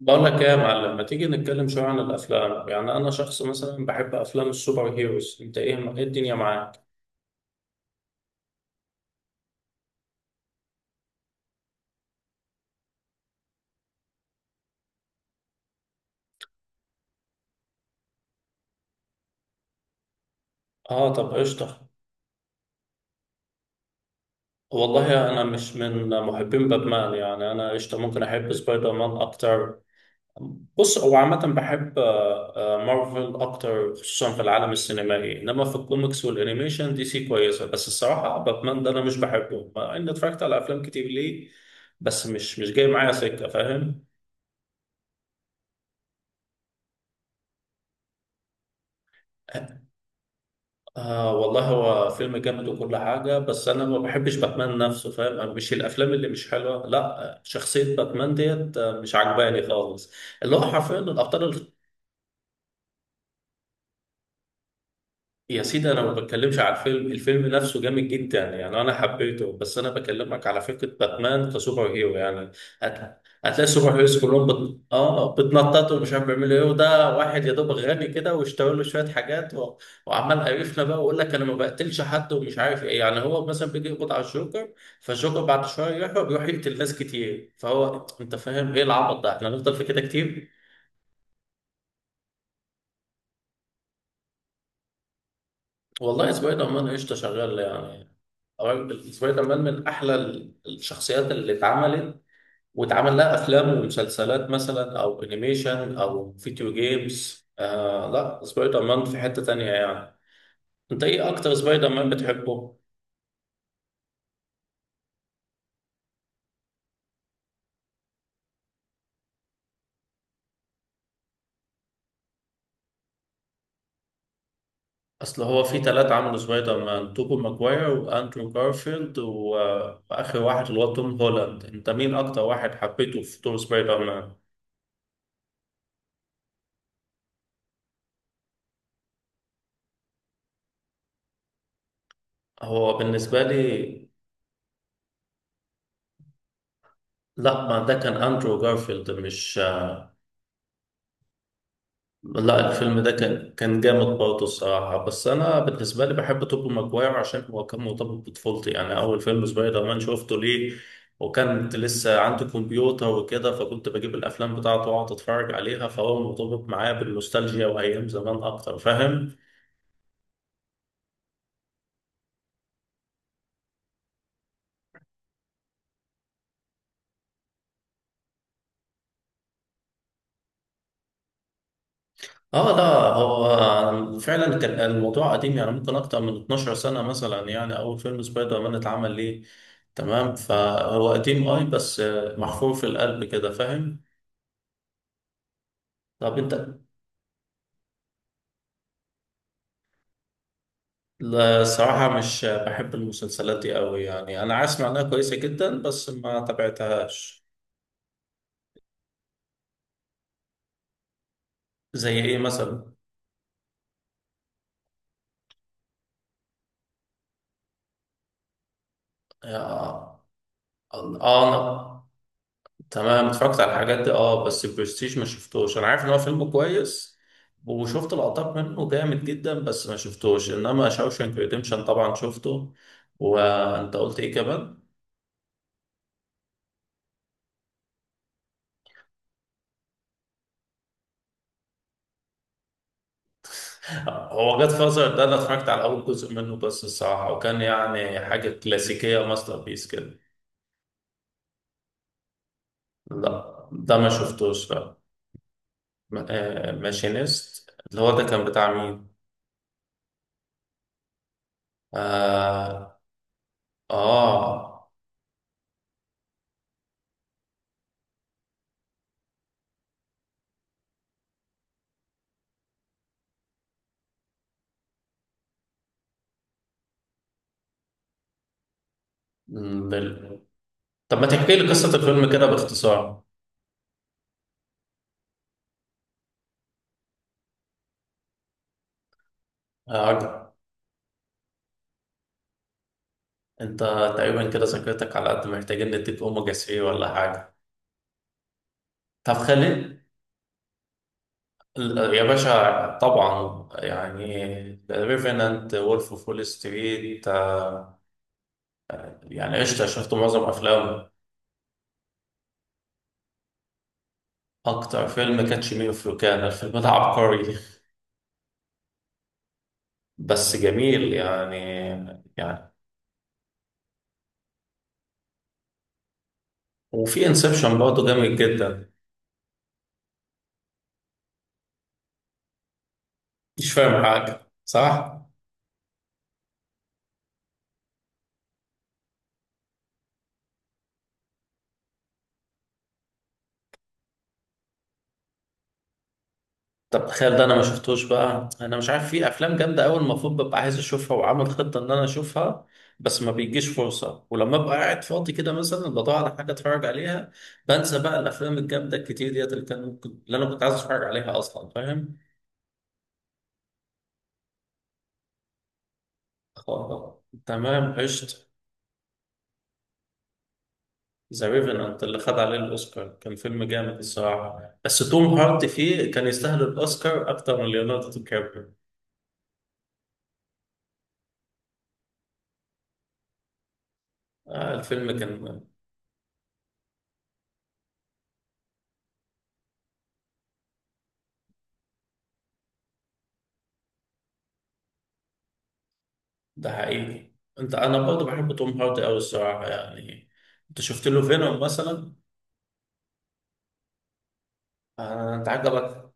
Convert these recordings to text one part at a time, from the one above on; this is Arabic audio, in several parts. بقول لك ايه يا معلم، ما تيجي نتكلم شويه عن الافلام؟ يعني انا شخص مثلا بحب افلام السوبر هيروز، انت ايه؟ إيه الدنيا معاك؟ اه طب قشطه. والله انا مش من محبين باتمان يعني، انا قشطه ممكن احب سبايدر مان اكتر. بص هو عامه بحب مارفل اكتر خصوصا في العالم السينمائي، انما في الكوميكس والانيميشن دي سي كويسه، بس الصراحه باتمان ده انا مش بحبه مع اني اتفرجت على افلام كتير ليه. بس مش جاي معايا سكه، فاهم؟ آه والله هو فيلم جامد وكل حاجة، بس أنا ما بحبش باتمان نفسه، فاهم؟ أنا مش الأفلام اللي مش حلوة، لا شخصية باتمان ديت مش عجباني خالص. اللي هو حرفيا الأبطال. يا سيدي انا ما بتكلمش على الفيلم، الفيلم نفسه جامد جدا يعني انا حبيته، بس انا بكلمك على فكره باتمان كسوبر هيرو يعني. هتلاقي سوبر هيروز كلهم اه بتنطط ومش عارف بيعملوا ايه، وده واحد يا دوب غني كده واشترى له شويه حاجات وعمال قرفنا بقى ويقول لك انا ما بقتلش حد ومش عارف ايه، يعني هو مثلا بيجي يقبض على الجوكر، فالجوكر بعد شويه يروح بيروح يقتل ناس كتير، فهو انت فاهم ايه العبط ده؟ احنا هنفضل في كده كتير. والله سبايدر مان قشطه شغال يعني. طبعاً بالنسبة لي كمان من أحلى الشخصيات اللي اتعملت واتعمل لها أفلام ومسلسلات مثلا، أو أنيميشن أو فيديو جيمز. آه لا، سبايدر مان في حتة تانية يعني. أنت إيه أكتر سبايدر مان بتحبه؟ أصل هو في تلاتة عملوا سبايدر مان: توبو ماجواير وأندرو جارفيلد وآخر واحد اللي هو توم هولاند. أنت مين أكتر واحد حبيته في دور سبايدر مان؟ هو بالنسبة لي. لا ما ده كان أندرو جارفيلد مش. لا الفيلم ده كان جامد برضه الصراحة، بس أنا بالنسبة لي بحب توب ماجواير عشان هو كان مرتبط بطفولتي، يعني أول فيلم سبايدر مان شفته ليه. وكانت لسه عندي كمبيوتر وكده، فكنت بجيب الأفلام بتاعته وأقعد أتفرج عليها، فهو مرتبط معايا بالنوستالجيا وأيام زمان أكتر، فاهم؟ آه لا، هو فعلا كان الموضوع قديم، يعني ممكن أكتر من 12 سنة مثلا يعني أول فيلم سبايدر مان اتعمل ليه. تمام فهو قديم أي بس محفور في القلب كده، فاهم؟ طب أنت، لا الصراحة مش بحب المسلسلات دي قوي يعني، أنا عارف إنها كويسة جدا بس ما تابعتهاش. زي إيه مثلا؟ آه أنا تمام اتفرجت على الحاجات دي أه، بس البرستيج ما شفتوش، أنا عارف إن هو فيلم كويس وشفت لقطات منه جامد جدا بس ما شفتوش. إنما شاوشانك ريديمشن طبعا شفته. وأنت قلت إيه كمان؟ هو جاد فازر ده أنا اتفرجت على أول جزء منه بس الصراحة وكان يعني حاجة كلاسيكية ماستر بيس كده لا ده ما شفتوش لا م- آه، ماشينيست اللي هو ده كان بتاع مين؟ آه آه م، بال... طب ما تحكي لي قصة الفيلم كده باختصار. آه عجب. أنت تقريبا كده ذاكرتك على قد، محتاجين نديك أوميجا 3 ولا حاجة. طب خلي يا باشا طبعا، يعني ريفينانت وولف اوف وول ستريت، يعني قشطة شفت معظم أفلامه. أكتر فيلم كاتش مي إف يو كان، الفيلم ده عبقري بس جميل يعني يعني. وفي انسبشن برضه جميل جدا. مش فاهم حاجه صح. طب تخيل ده انا ما شفتوش بقى، انا مش عارف، في افلام جامده قوي المفروض ببقى عايز اشوفها وعامل خطه ان انا اشوفها، بس ما بيجيش فرصه، ولما ابقى قاعد فاضي كده مثلا بدور على حاجه اتفرج عليها بنسى بقى الافلام الجامده الكتير ديت اللي كان ممكن اللي انا كنت عايز اتفرج عليها اصلا، فاهم؟ خلاص. تمام قشطه. ذا ريفنانت اللي خد عليه الاوسكار كان فيلم جامد الصراحه، بس توم هارت فيه كان يستاهل الاوسكار اكتر من ليوناردو دي كابريو. آه الفيلم كان. ده حقيقي. انت انا برضه بحب توم هارت قوي الصراحه يعني. انت شفت له فينوم مثلا؟ آه انت عجبك.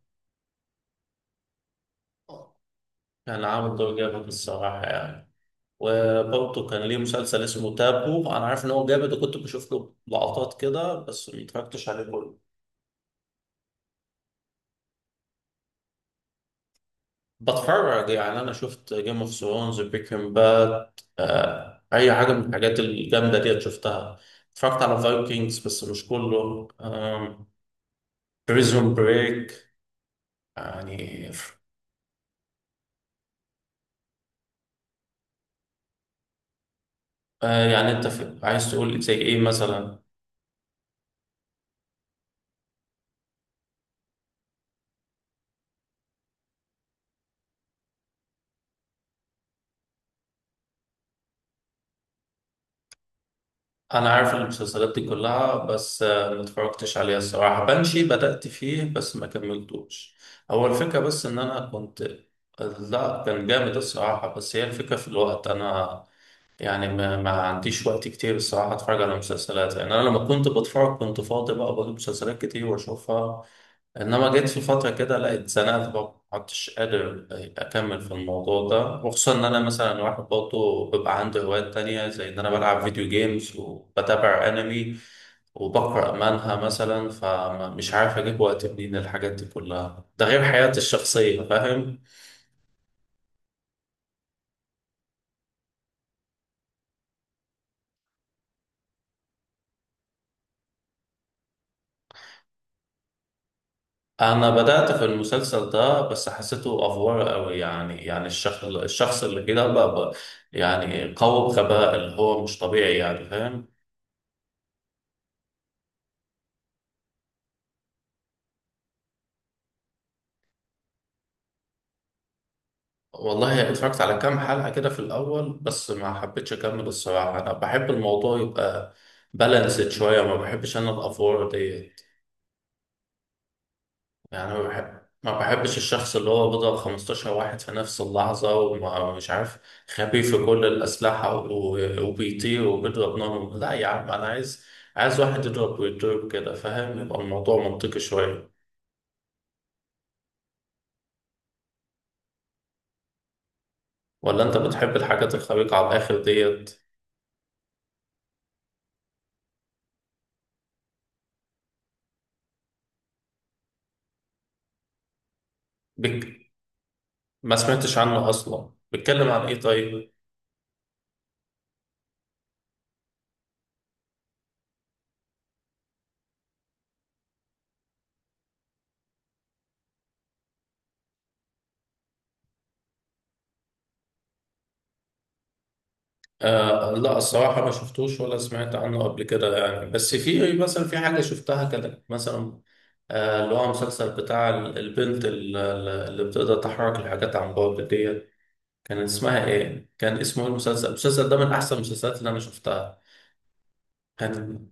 كان عامل دور جامد الصراحه يعني. وبرضه كان ليه مسلسل اسمه تابو، انا عارف ان هو جامد وكنت بشوف له لقطات كده بس ما اتفرجتش عليه كله. بتفرج يعني، انا شفت جيم اوف ثرونز، بريكنج باد، آه اي حاجه من الحاجات الجامده ديت شفتها. اتفرجت على فايكنجز بس مش كله. بريزون بريك. يعني يعني، انت عايز تقول زي ايه مثلا؟ انا عارف المسلسلات دي كلها بس ما اتفرجتش عليها الصراحه. بنشي بدأت فيه بس ما كملتوش. هو الفكره بس ان انا كنت، لا كان جامد الصراحه، بس هي الفكره في الوقت انا يعني ما عنديش وقت كتير الصراحة اتفرج على مسلسلات، يعني انا لما كنت بتفرج كنت فاضي بقى بجيب مسلسلات كتير واشوفها. انما جيت في فترة كده لقيت اتزنقت بقى ما عدتش قادر اكمل في الموضوع ده، وخصوصا ان انا مثلا واحد برضه بيبقى عندي هوايات تانية زي ان انا بلعب فيديو جيمز وبتابع انمي وبقرأ مانهوا مثلا، فمش عارف اجيب وقت منين الحاجات دي كلها، ده غير حياتي الشخصية، فاهم؟ انا بدأت في المسلسل ده بس حسيته افوار قوي يعني، يعني الشخص اللي كده بقى يعني قوي بغباء اللي هو مش طبيعي يعني، فاهم؟ والله اتفرجت على كام حلقة كده في الاول بس ما حبيتش اكمل الصراحة، انا بحب الموضوع يبقى بالانسد شوية، ما بحبش انا الافوار دي. يعني ما بحبش الشخص اللي هو بيضرب 15 واحد في نفس اللحظة ومش عارف، خبي في كل الأسلحة وبيطير وبيضرب نار، لا يا عم أنا عايز، عايز واحد يضرب ويضرب كده، فاهم؟ يبقى الموضوع منطقي شوية. ولا أنت بتحب الحاجات الخارقة على الآخر ديت؟ بك... ما سمعتش عنها أصلا، بيتكلم عن إيه طيب؟ آه لا الصراحة ما شفتوش ولا سمعت عنه قبل كده يعني، بس في مثلا في حاجة شفتها كده مثلا، آه اللي هو مسلسل بتاع البنت اللي بتقدر تحرك الحاجات عن بعد ديت، كان اسمها ايه؟ كان اسمه ايه المسلسل؟ المسلسل ده من أحسن المسلسلات اللي أنا شفتها. كان،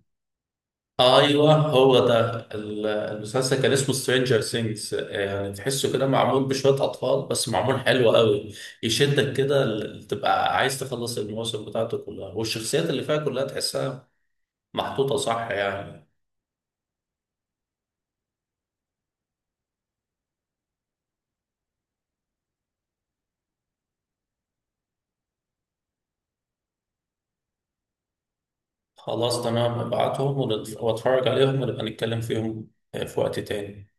ايوه هو ده المسلسل كان اسمه سترينجر ثينجز، يعني تحسه كده معمول بشويه اطفال بس معمول حلو قوي، يشدك كده تبقى عايز تخلص المواسم بتاعته كلها، والشخصيات اللي فيها كلها تحسها محطوطه صح يعني. خلاص تمام ابعتهم واتفرج عليهم ونبقى نتكلم فيهم في وقت تاني.